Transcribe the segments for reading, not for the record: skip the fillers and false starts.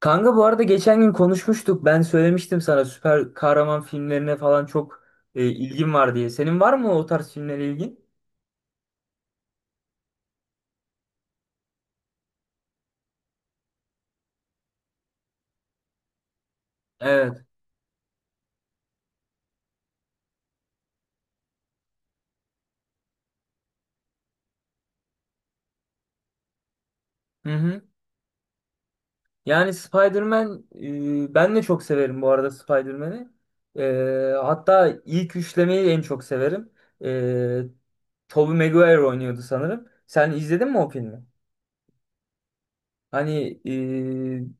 Kanka, bu arada geçen gün konuşmuştuk. Ben söylemiştim sana süper kahraman filmlerine falan çok ilgim var diye. Senin var mı o tarz filmlere ilgin? Evet. Hı hı. Yani Spider-Man, ben de çok severim bu arada Spider-Man'i. Hatta ilk üçlemeyi en çok severim. E, Tobey Maguire oynuyordu sanırım. Sen izledin mi o filmi? Hani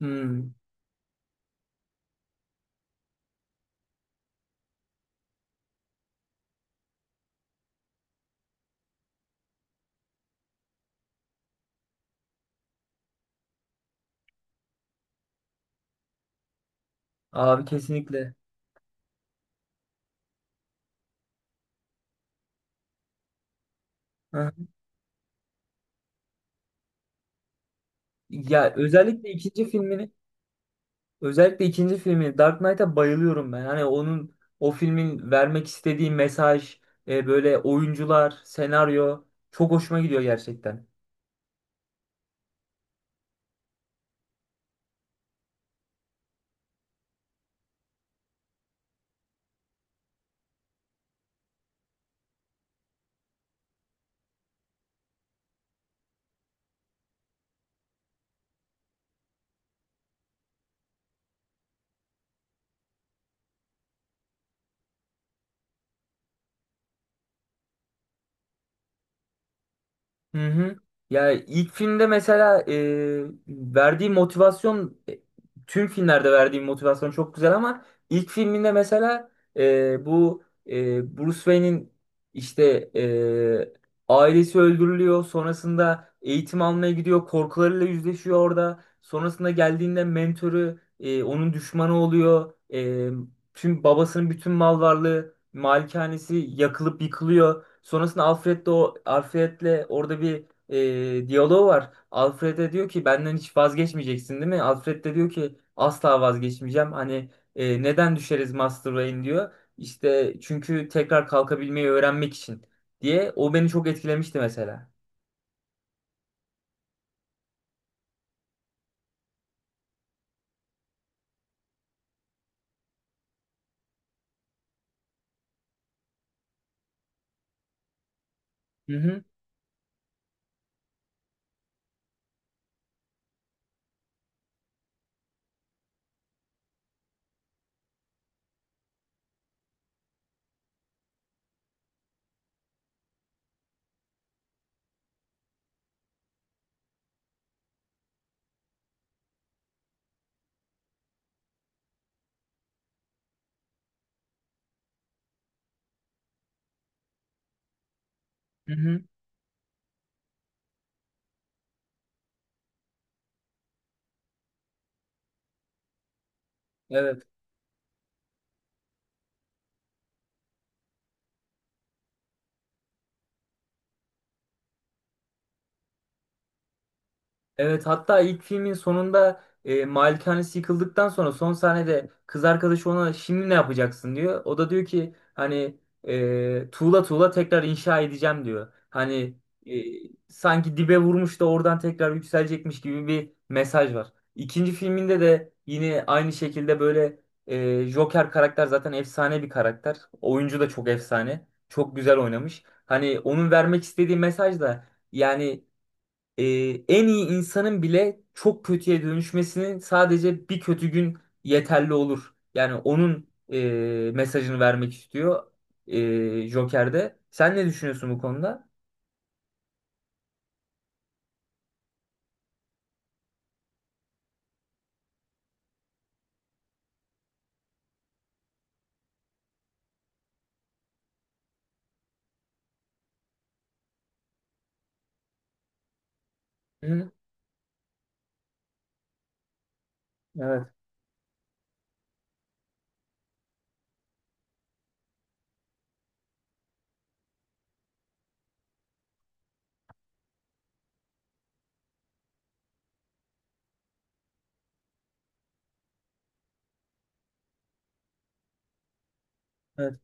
hmm, abi kesinlikle. Hı hı. Ya özellikle ikinci filmini Özellikle ikinci filmi Dark Knight'a bayılıyorum ben. Hani onun, o filmin vermek istediği mesaj, böyle oyuncular, senaryo çok hoşuma gidiyor gerçekten. Hı hı. Ya ilk filmde mesela tüm filmlerde verdiği motivasyon çok güzel ama ilk filminde mesela bu, Bruce Wayne'in işte, ailesi öldürülüyor. Sonrasında eğitim almaya gidiyor. Korkularıyla yüzleşiyor orada. Sonrasında geldiğinde mentörü, onun düşmanı oluyor. Tüm babasının bütün mal varlığı, malikanesi yakılıp yıkılıyor. Sonrasında Alfred de, o Alfred'le orada bir diyalog var. Alfred de diyor ki benden hiç vazgeçmeyeceksin değil mi? Alfred de diyor ki asla vazgeçmeyeceğim. Hani neden düşeriz Master Wayne diyor. İşte çünkü tekrar kalkabilmeyi öğrenmek için diye. O beni çok etkilemişti mesela. Hı hı. Hı hı. Evet. Evet, hatta ilk filmin sonunda malikanesi yıkıldıktan sonra son sahnede kız arkadaşı ona şimdi ne yapacaksın diyor. O da diyor ki hani tuğla tuğla tekrar inşa edeceğim diyor. Hani e, sanki dibe vurmuş da oradan tekrar yükselecekmiş gibi bir mesaj var. İkinci filminde de yine aynı şekilde böyle Joker karakter zaten efsane bir karakter. Oyuncu da çok efsane. Çok güzel oynamış. Hani onun vermek istediği mesaj da yani e, en iyi insanın bile çok kötüye dönüşmesini sadece bir kötü gün yeterli olur. Yani onun mesajını vermek istiyor Joker'de. Sen ne düşünüyorsun bu konuda? Hı, evet.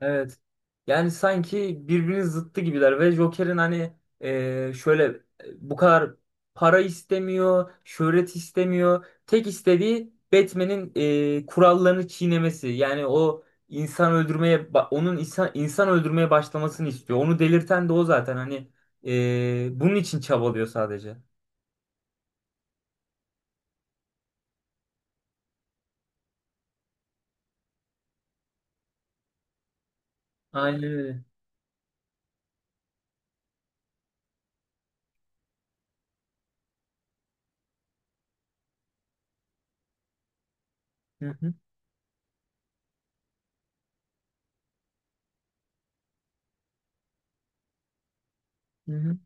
Evet. Yani sanki birbirinin zıttı gibiler ve Joker'in hani e, şöyle bu kadar para istemiyor, şöhret istemiyor. Tek istediği Batman'in kurallarını çiğnemesi. Yani o insan öldürmeye ba- onun insan öldürmeye başlamasını istiyor. Onu delirten de o zaten. Hani bunun için çabalıyor sadece. Aynen öyle. Hı hı, hı hı,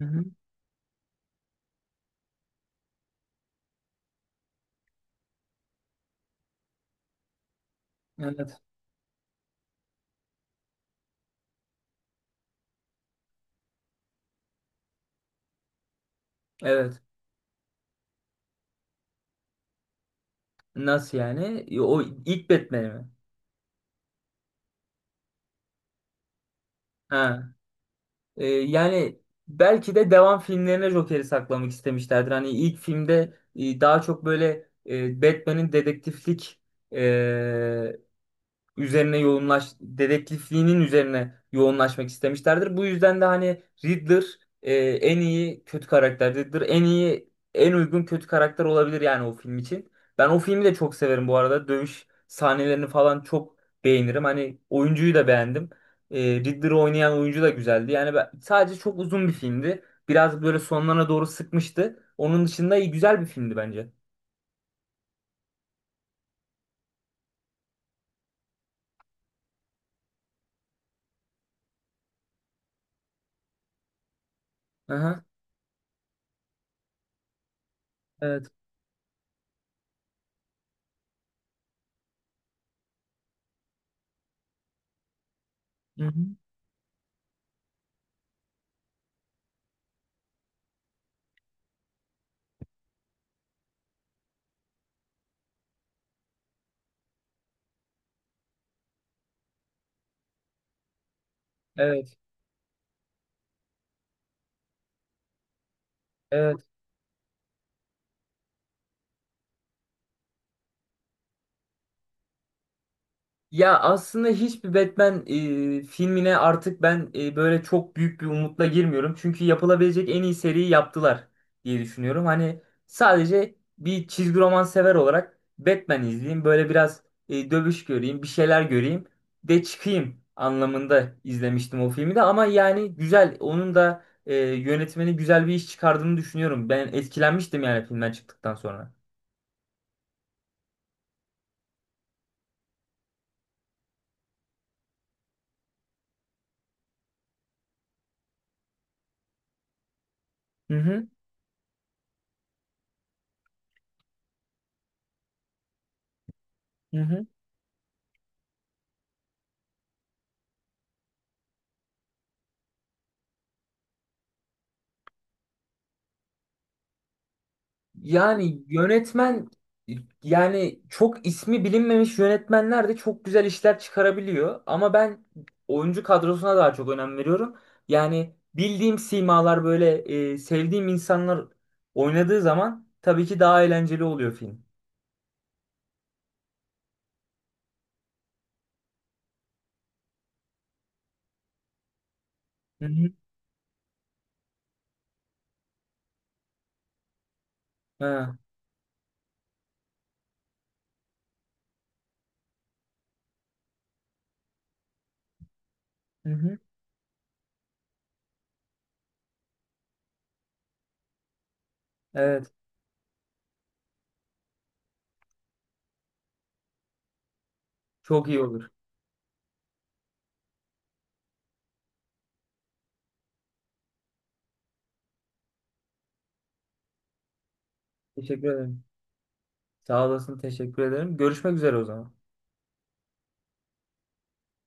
hı hı. Evet. Evet. Nasıl yani? O ilk Batman'i mi? Ha. Yani belki de devam filmlerine Joker'i saklamak istemişlerdir. Hani ilk filmde daha çok böyle e, Batman'in dedektiflik üzerine yoğunlaş dedektifliğinin üzerine yoğunlaşmak istemişlerdir. Bu yüzden de hani Riddler e, en iyi kötü karakter. Riddler en iyi, en uygun kötü karakter olabilir yani o film için. Ben o filmi de çok severim bu arada. Dövüş sahnelerini falan çok beğenirim. Hani oyuncuyu da beğendim. Riddler'ı oynayan oyuncu da güzeldi. Yani ben, sadece çok uzun bir filmdi. Biraz böyle sonlarına doğru sıkmıştı. Onun dışında iyi, güzel bir filmdi bence. Aha, evet. Hı hı. Evet. Evet. Ya aslında hiçbir Batman filmine artık ben böyle çok büyük bir umutla girmiyorum. Çünkü yapılabilecek en iyi seriyi yaptılar diye düşünüyorum. Hani sadece bir çizgi roman sever olarak Batman izleyeyim. Böyle biraz dövüş göreyim, bir şeyler göreyim de çıkayım anlamında izlemiştim o filmi de. Ama yani güzel, onun da yönetmeni güzel bir iş çıkardığını düşünüyorum. Ben etkilenmiştim yani filmden çıktıktan sonra. Hı hı. Hı hı. Yani yönetmen Yani çok ismi bilinmemiş yönetmenler de çok güzel işler çıkarabiliyor. Ama ben oyuncu kadrosuna daha çok önem veriyorum. Yani bildiğim simalar böyle, sevdiğim insanlar oynadığı zaman tabii ki daha eğlenceli oluyor film. Hı hı. Ha, hı hı. Evet. Çok iyi olur. Teşekkür ederim. Sağ olasın. Teşekkür ederim. Görüşmek üzere o zaman.